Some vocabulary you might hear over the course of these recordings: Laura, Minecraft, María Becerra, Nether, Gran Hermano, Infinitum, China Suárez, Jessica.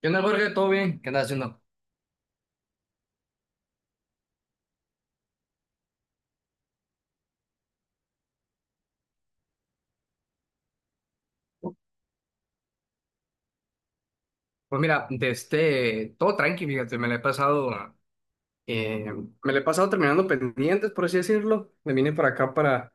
¿Qué onda, Jorge? ¿Todo bien? ¿Qué andas haciendo? Pues mira, todo tranqui, fíjate, eh, me la he pasado terminando pendientes, por así decirlo. Me vine para acá,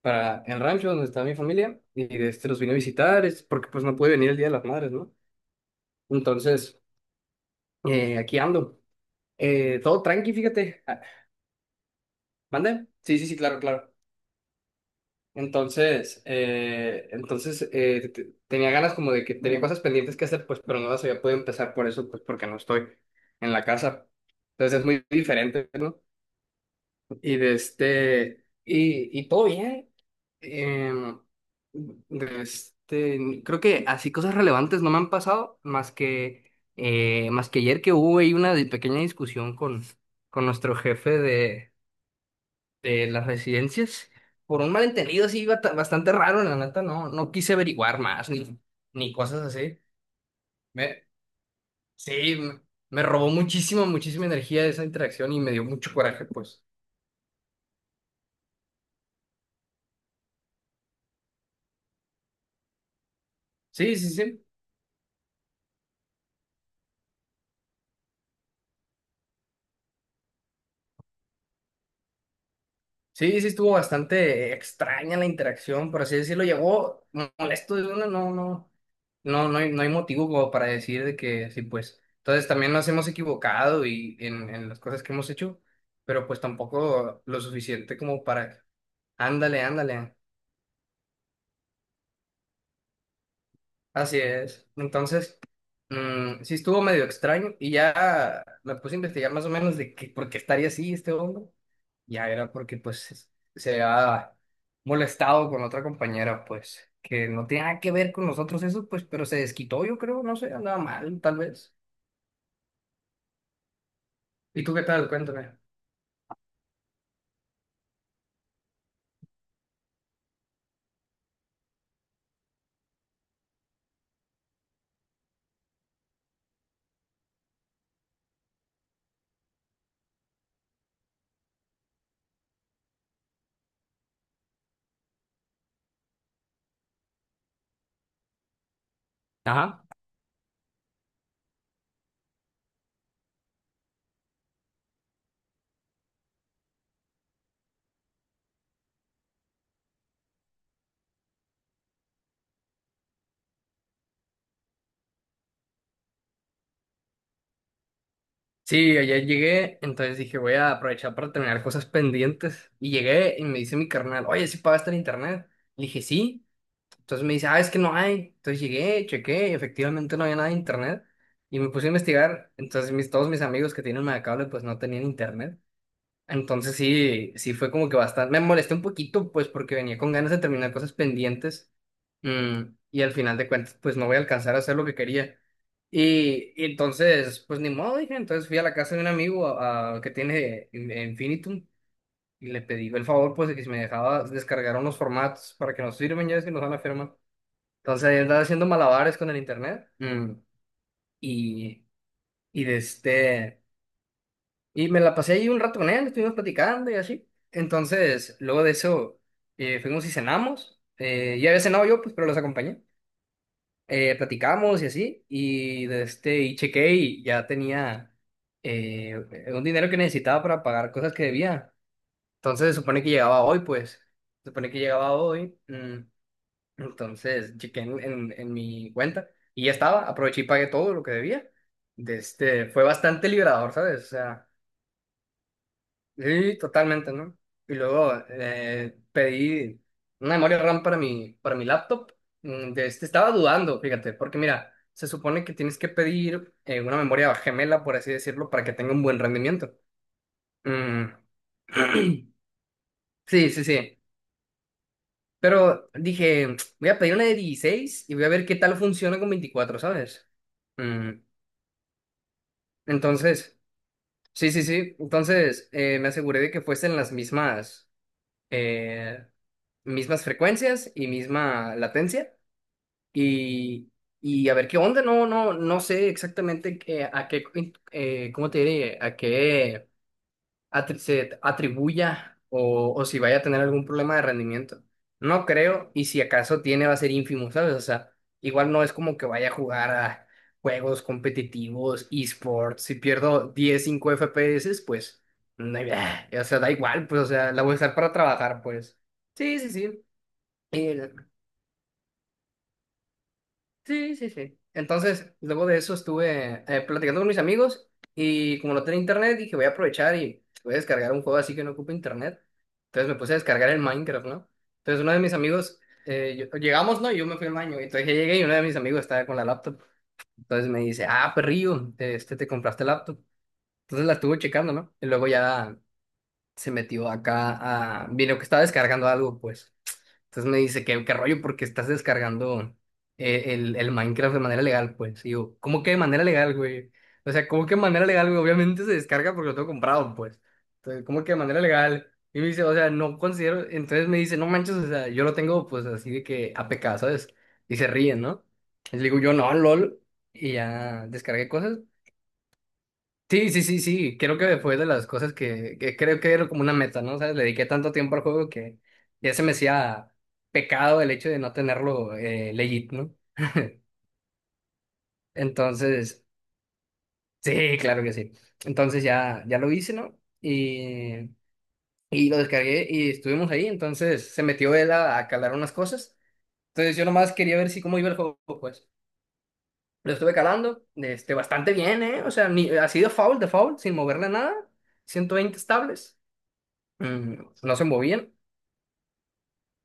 para el rancho donde está mi familia, y los vine a visitar, es porque pues no pude venir el Día de las Madres, ¿no? Entonces, aquí ando. Todo tranqui, fíjate. Ah, ¿mande? Sí, sí, sí, claro, claro. Entonces, tenía ganas como de que tenía cosas pendientes que hacer, pues, pero no las había podido empezar por eso, pues, porque no estoy en la casa. Entonces es muy diferente, ¿no? Y todo bien. Em, Creo que así cosas relevantes no me han pasado, más que ayer que hubo ahí una pequeña discusión con nuestro jefe de las residencias. Por un malentendido así bastante raro, la neta, no, no quise averiguar más ni cosas así. Me, sí, me robó muchísima, muchísima energía esa interacción y me dio mucho coraje, pues. Sí, sí, sí. Sí, sí, estuvo bastante extraña la interacción, por así decirlo. Llegó molesto de una, no, no. No, no hay motivo como para decir de que sí, pues. Entonces también nos hemos equivocado y en las cosas que hemos hecho, pero pues tampoco lo suficiente como para, ándale, ándale. Así es. Entonces, sí estuvo medio extraño y ya me puse a investigar más o menos de que, por qué estaría así este hombre. Ya era porque pues se había molestado con otra compañera, pues, que no tenía nada que ver con nosotros eso, pues, pero se desquitó, yo creo, no sé, andaba mal, tal vez. ¿Y tú qué tal? Cuéntame. Ajá. Sí, ayer llegué, entonces dije, voy a aprovechar para terminar cosas pendientes. Y llegué y me dice mi carnal, oye, ¿sí pagaste el internet? Le dije, sí. Entonces me dice, ah, es que no hay. Entonces llegué, chequé, y efectivamente no había nada de internet. Y me puse a investigar. Entonces todos mis amigos que tienen una cable, pues no tenían internet. Entonces sí, sí fue como que bastante, me molesté un poquito pues porque venía con ganas de terminar cosas pendientes mm, y al final de cuentas pues no voy a alcanzar a hacer lo que quería. Y entonces pues ni modo dije, entonces fui a la casa de un amigo que tiene Infinitum y le pedí el favor pues de que si me dejaba descargar unos formatos para que nos sirven ya es que nos van a firmar. Entonces ahí andaba haciendo malabares con el internet y, y de este... Y me la pasé ahí un rato con él, estuvimos platicando y así. Entonces, luego de eso, fuimos y cenamos. Ya había cenado yo, pues, pero los acompañé. Platicamos y así. Y chequé y ya tenía eh, un dinero que necesitaba para pagar cosas que debía. Entonces, se supone que llegaba hoy, pues. Se supone que llegaba hoy. Entonces, chequé en mi cuenta y ya estaba. Aproveché y pagué todo lo que debía. Fue bastante liberador, ¿sabes? O sea. Sí, totalmente, ¿no? Y luego pedí una memoria RAM para para mi laptop. Estaba dudando, fíjate, porque mira, se supone que tienes que pedir una memoria gemela, por así decirlo, para que tenga un buen rendimiento. Mm, Sí, sí, sí. Pero dije, voy a pedir una de 16 y voy a ver qué tal funciona con 24, ¿sabes? Mm, Entonces, sí, sí, sí. Entonces, me aseguré de que fuesen las mismas. eh, Mismas frecuencias y misma latencia y, y a ver qué onda, no, no, no sé exactamente a qué, ¿cómo te diré? A qué se atribuya o si vaya a tener algún problema de rendimiento. No creo y si acaso tiene va a ser ínfimo, ¿sabes? O sea, igual no es como que vaya a jugar a juegos competitivos, esports, si pierdo 10, 5 FPS, pues, no, o sea, da igual, pues, o sea, la voy a usar para trabajar, pues. Sí, sí, sí. Sí, sí, sí. Entonces, luego de eso estuve platicando con mis amigos y como no tenía internet, dije, voy a aprovechar y voy a descargar un juego así que no ocupe internet. Entonces me puse a descargar el Minecraft, ¿no? Entonces uno de mis amigos, llegamos, ¿no? Y yo me fui al baño. Y entonces ya llegué y uno de mis amigos estaba con la laptop. Entonces me dice, ah, perrillo, te compraste laptop. Entonces la estuvo checando, ¿no? Y luego ya se metió acá a... Vino que estaba descargando algo, pues. Entonces me dice, qué rollo? Porque estás descargando el Minecraft de manera legal, pues. Y yo, ¿cómo que de manera legal, güey? O sea, ¿cómo que de manera legal, güey? Obviamente se descarga porque lo tengo comprado, pues. Entonces, ¿cómo que de manera legal? Y me dice, o sea, no considero. Entonces me dice, no manches, o sea, yo lo tengo, pues, así de que APK, ¿sabes? Y se ríen, ¿no? Y le digo, yo no, lol. Y ya descargué cosas. Sí, sí, sí, sí, creo que fue de las cosas que creo que era como una meta, ¿no? Sabes, le dediqué tanto tiempo al juego que ya se me hacía pecado el hecho de no tenerlo legit, ¿no? Entonces, sí, claro que sí. Entonces ya, ya lo hice, ¿no? Y lo descargué y estuvimos ahí, entonces se metió él a calar unas cosas. Entonces yo nomás quería ver si cómo iba el juego, pues. Lo estuve calando, bastante bien, ¿eh? O sea, ni, así de foul, sin moverle nada, 120 estables. Mm, no se movían.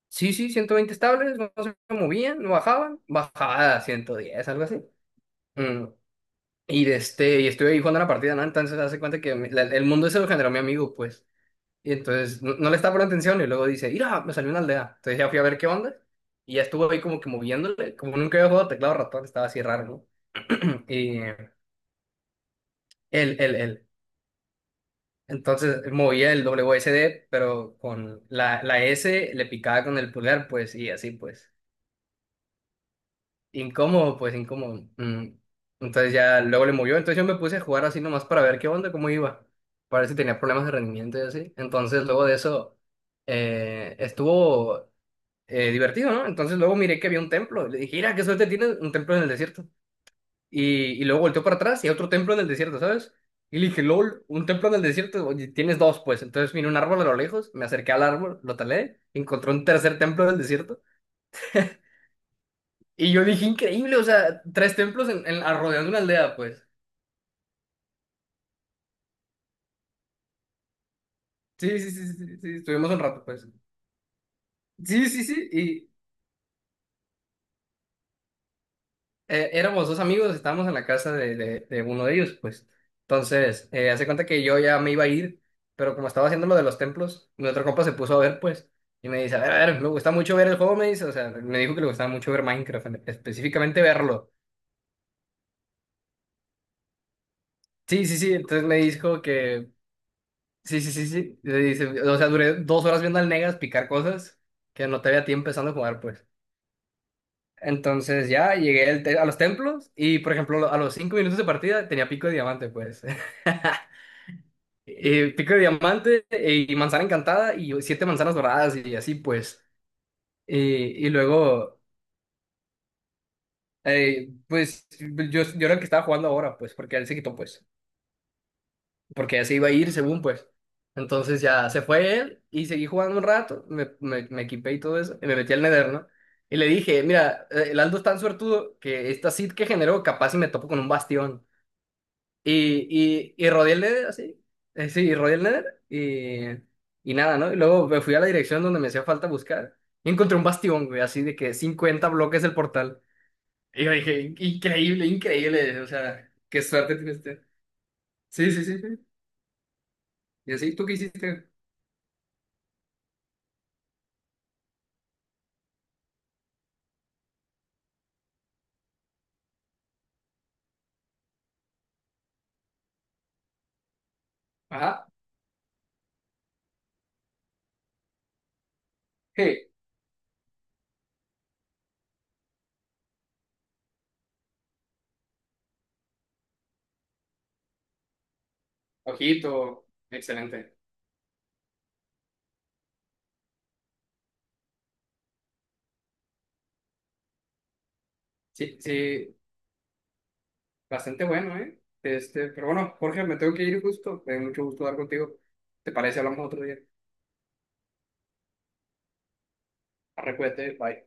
Sí, sí, 120 estables, no se movían, no bajaban. Bajaba a 110 algo así. Mm, y estuve ahí jugando la partida, ¿no? Entonces hace cuenta que el mundo ese lo generó mi amigo, pues. Y entonces no, no le estaba poniendo atención y luego dice, mira, me salió una aldea. Entonces ya fui a ver qué onda. Y ya estuvo ahí como que moviéndole, como nunca había jugado teclado ratón, estaba así raro, ¿no? Y él. Entonces movía el WSD pero con la S le picaba con el pulgar, pues, y así, pues. Incómodo, pues incómodo. Mm. Entonces ya luego le movió. Entonces yo me puse a jugar así nomás para ver qué onda, cómo iba. Para ver si tenía problemas de rendimiento y así. Entonces luego de eso estuvo divertido, ¿no? Entonces luego miré que había un templo. Le dije, mira, qué suerte tienes, un templo en el desierto. Y luego volteó para atrás y otro templo en el desierto, ¿sabes? Y le dije, lol, un templo en el desierto, oye, tienes dos, pues. Entonces vine a un árbol a lo lejos, me acerqué al árbol, lo talé, encontré un tercer templo en el desierto. Y yo dije, increíble, o sea, tres templos ah, rodeando una aldea, pues. Sí, sí, sí, sí, sí, estuvimos un rato, pues. Sí, sí, sí, y éramos dos amigos, estábamos en la casa de uno de ellos, pues. Entonces, hace cuenta que yo ya me iba a ir, pero como estaba haciendo lo de los templos, mi otro compa se puso a ver, pues, y me dice, a ver, me gusta mucho ver el juego, me dice, o sea, me dijo que le gustaba mucho ver Minecraft, específicamente verlo. Sí, sí, sí, entonces me dijo que. Sí, sí, sí, sí. Y dice, o sea, duré 2 horas viendo al Negas picar cosas que no te había tiempo empezando a jugar, pues. Entonces ya llegué al a los templos y, por ejemplo, a los 5 minutos de partida tenía pico de diamante, pues. Y pico de diamante y manzana encantada y siete manzanas doradas y así, pues. Y, y luego, eh, pues, yo era el que estaba jugando ahora, pues, porque él se quitó, pues. Porque ya se iba a ir según pues. Entonces ya se fue él y seguí jugando un rato, me equipé y todo eso, y me metí al Nether, ¿no? Y le dije, mira, el Aldo es tan suertudo que esta seed que generó capaz y me topo con un bastión. Y rodeé el Nether así, sí, rodeé el Nether y nada, ¿no? Y luego me fui a la dirección donde me hacía falta buscar y encontré un bastión, güey, así de que 50 bloques del portal. Y yo dije, increíble, increíble, o sea, qué suerte tienes. Sí, sí, sí, sí. Y así, ¿tú qué hiciste? Ajá. Sí, ojito, excelente. Sí, sí, bastante bueno, ¿eh? Pero bueno, Jorge, me tengo que ir justo. Me dio mucho gusto hablar contigo. ¿Te parece? Hablamos otro día. Arre, cuídate, bye.